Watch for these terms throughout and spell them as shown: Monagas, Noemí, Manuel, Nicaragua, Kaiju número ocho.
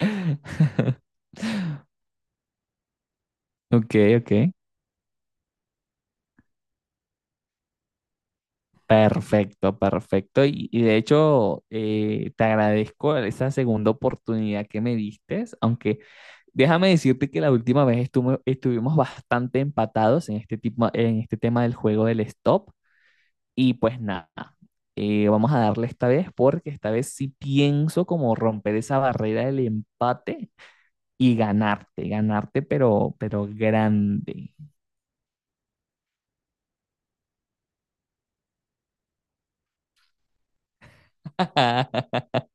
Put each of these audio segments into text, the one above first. Ok, ok. Perfecto, perfecto. Y de hecho, te agradezco esa segunda oportunidad que me diste, aunque déjame decirte que la última vez estuvimos bastante empatados en este tema del juego del stop. Y pues nada, vamos a darle esta vez porque esta vez sí pienso como romper esa barrera del empate y ganarte, ganarte, pero grande.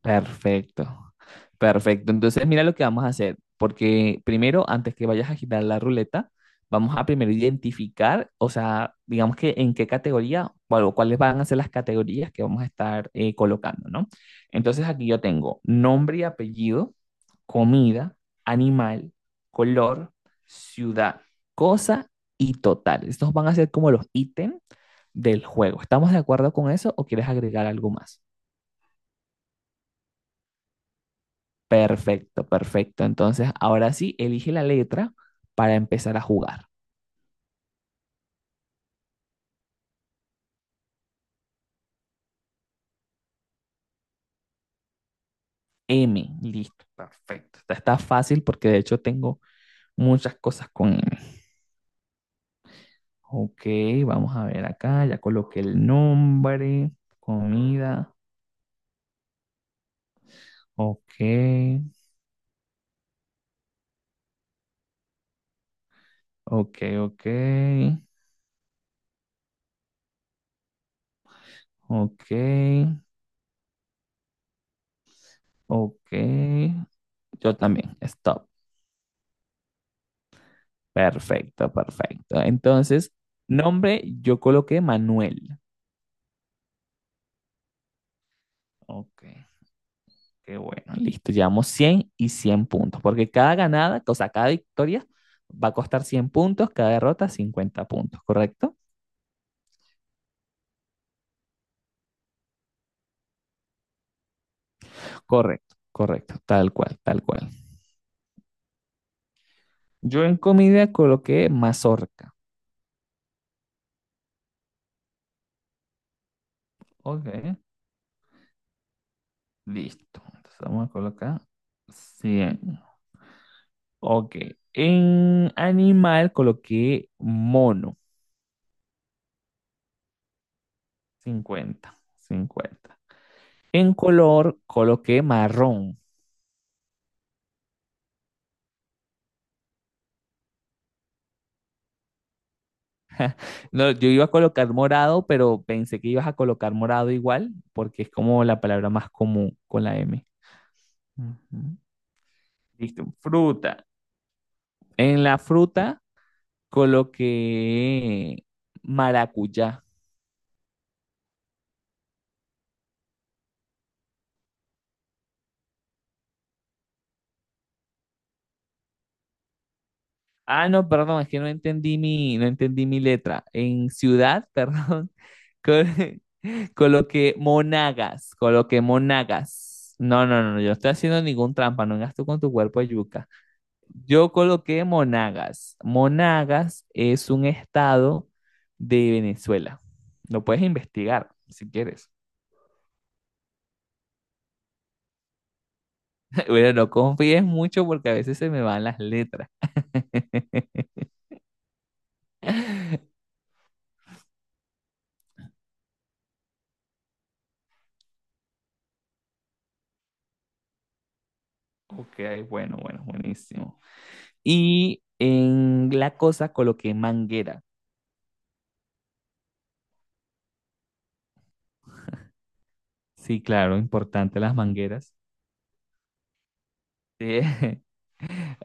Perfecto. Perfecto, entonces mira lo que vamos a hacer, porque primero, antes que vayas a girar la ruleta, vamos a primero identificar, o sea, digamos que en qué categoría, bueno, cuáles van a ser las categorías que vamos a estar colocando, ¿no? Entonces aquí yo tengo nombre y apellido, comida, animal, color, ciudad, cosa y total. Estos van a ser como los ítems del juego. ¿Estamos de acuerdo con eso o quieres agregar algo más? Perfecto, perfecto. Entonces, ahora sí, elige la letra para empezar a jugar. M, listo, perfecto. Esta está fácil porque de hecho tengo muchas cosas con M. Ok, vamos a ver acá, ya coloqué el nombre, comida, ok, ok, ok, ok, ok. Yo también, stop. Perfecto, perfecto. Entonces, nombre, yo coloqué Manuel. Ok. Qué bueno, listo. Llevamos 100 y 100 puntos, porque cada ganada, o sea, cada victoria va a costar 100 puntos, cada derrota 50 puntos, ¿correcto? Correcto, correcto, tal cual, tal cual. Yo en comida coloqué mazorca. Ok, listo. Entonces vamos a colocar 100. Ok, en animal coloqué mono, 50-50. En color coloqué marrón. No, yo iba a colocar morado, pero pensé que ibas a colocar morado igual, porque es como la palabra más común con la M. Ujú. Listo, fruta. En la fruta coloqué maracuyá. Ah, no, perdón, es que no entendí mi letra. En ciudad, perdón, col- coloqué Monagas, coloqué Monagas. No, no, no, yo no estoy haciendo ningún trampa, no hagas tú con tu cuerpo de yuca. Yo coloqué Monagas. Monagas es un estado de Venezuela. Lo puedes investigar si quieres. Bueno, no confíes mucho porque a veces se me van las letras. Ok, bueno, bueno, buenísimo. Y en la cosa coloqué manguera. Sí, claro, importante las mangueras. Sí.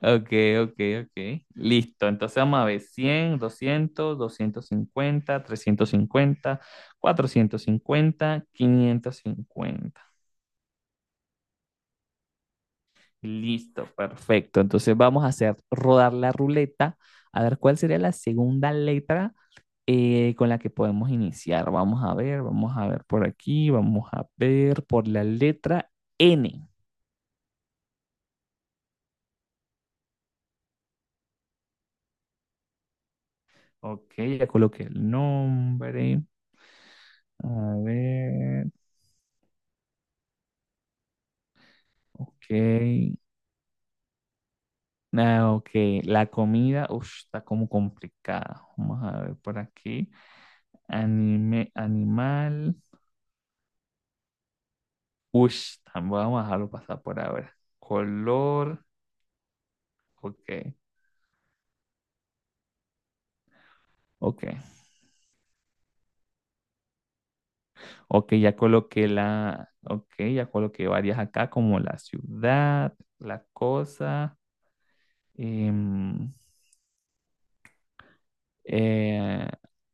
Ok, ok, ok. Listo. Entonces vamos a ver 100, 200, 250, 350, 450, 550. Listo, perfecto. Entonces vamos a hacer rodar la ruleta a ver cuál sería la segunda letra con la que podemos iniciar. Vamos a ver por aquí, vamos a ver por la letra N. Ok, ya coloqué el nombre. A ver, ok. Ah, ok, la comida, ush, está como complicada. Vamos a ver por aquí. Animal. Ush, vamos a dejarlo pasar por ahora. Color. Ok, ok. Ok, ya coloqué la. Ok, ya coloqué varias acá, como la ciudad, la cosa. em, eh,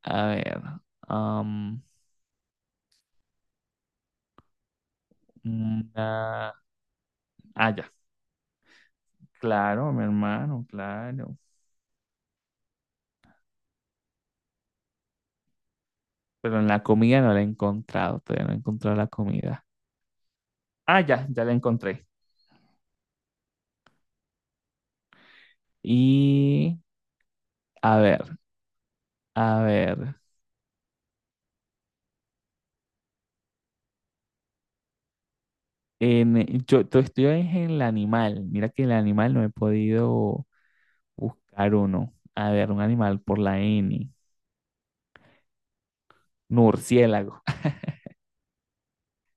a ver. am, una- Ah, ya. Claro, mi hermano, claro. Pero en la comida no la he encontrado, todavía no he encontrado la comida. Ah, ya, ya la encontré. Y a ver, a ver, estoy en el animal, mira que el animal no he podido buscar uno. A ver, un animal por la N, murciélago.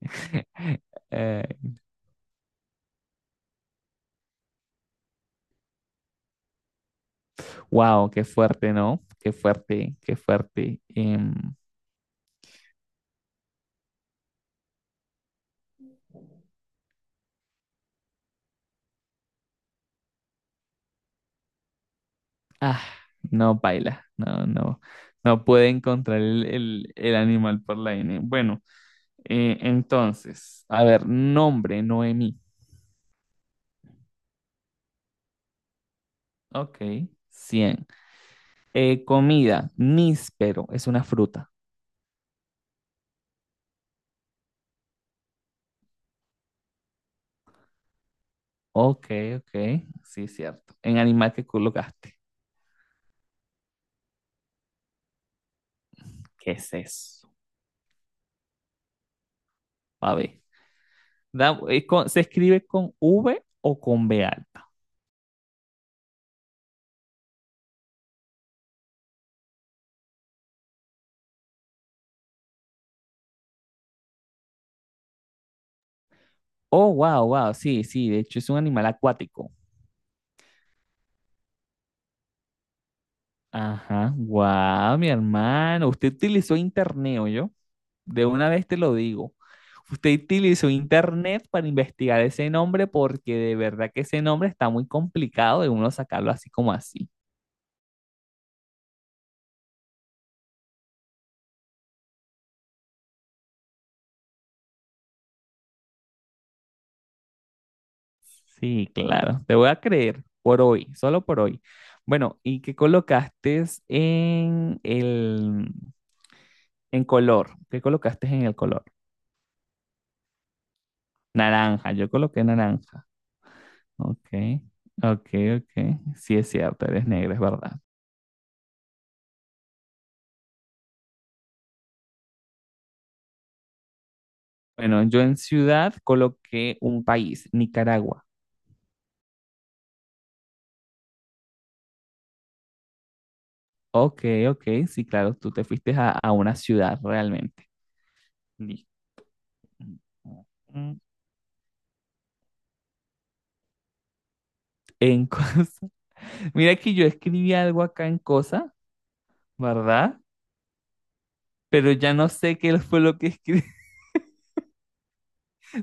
Wow, qué fuerte, ¿no? Qué fuerte, qué fuerte. Ah, no, baila, no, no, no puede encontrar el, el animal por la N. Bueno. Entonces, a ver, nombre, Noemí. Ok, 100. Comida, níspero, es una fruta. Ok, ok, sí, cierto. En animal que colocaste. ¿Qué es eso? A ver. ¿Se escribe con V o con B alta? Oh, wow, wow, sí, sí, de hecho es un animal acuático. Ajá, guau, mi hermano. Usted utilizó internet, yo. De una vez te lo digo. Usted utilizó internet para investigar ese nombre porque de verdad que ese nombre está muy complicado de uno sacarlo así como así. Sí, claro. Te voy a creer por hoy, solo por hoy. Bueno, ¿y qué colocaste en color? ¿Qué colocaste en el color? Naranja. Yo coloqué naranja. Ok, ok, ok. Sí es cierto, eres negra, es verdad. Bueno, yo en ciudad coloqué un país, Nicaragua. Ok, ok, sí, claro, tú te fuiste a una ciudad realmente. Li- En cosa. Mira que yo escribí algo acá en cosa, ¿verdad? Pero ya no sé qué fue lo que escribí.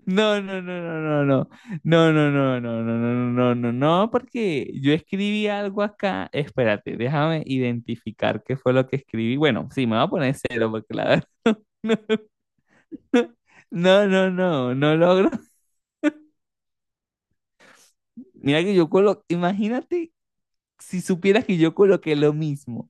No, no, no, no, no, no. No, no, no, no, no, no, no, no, no, no, porque yo escribí algo acá. Espérate, déjame identificar qué fue lo que escribí. Bueno, sí, me voy a poner cero porque la verdad. No, no, no, no logro. Mira que imagínate si supieras que yo coloqué lo mismo.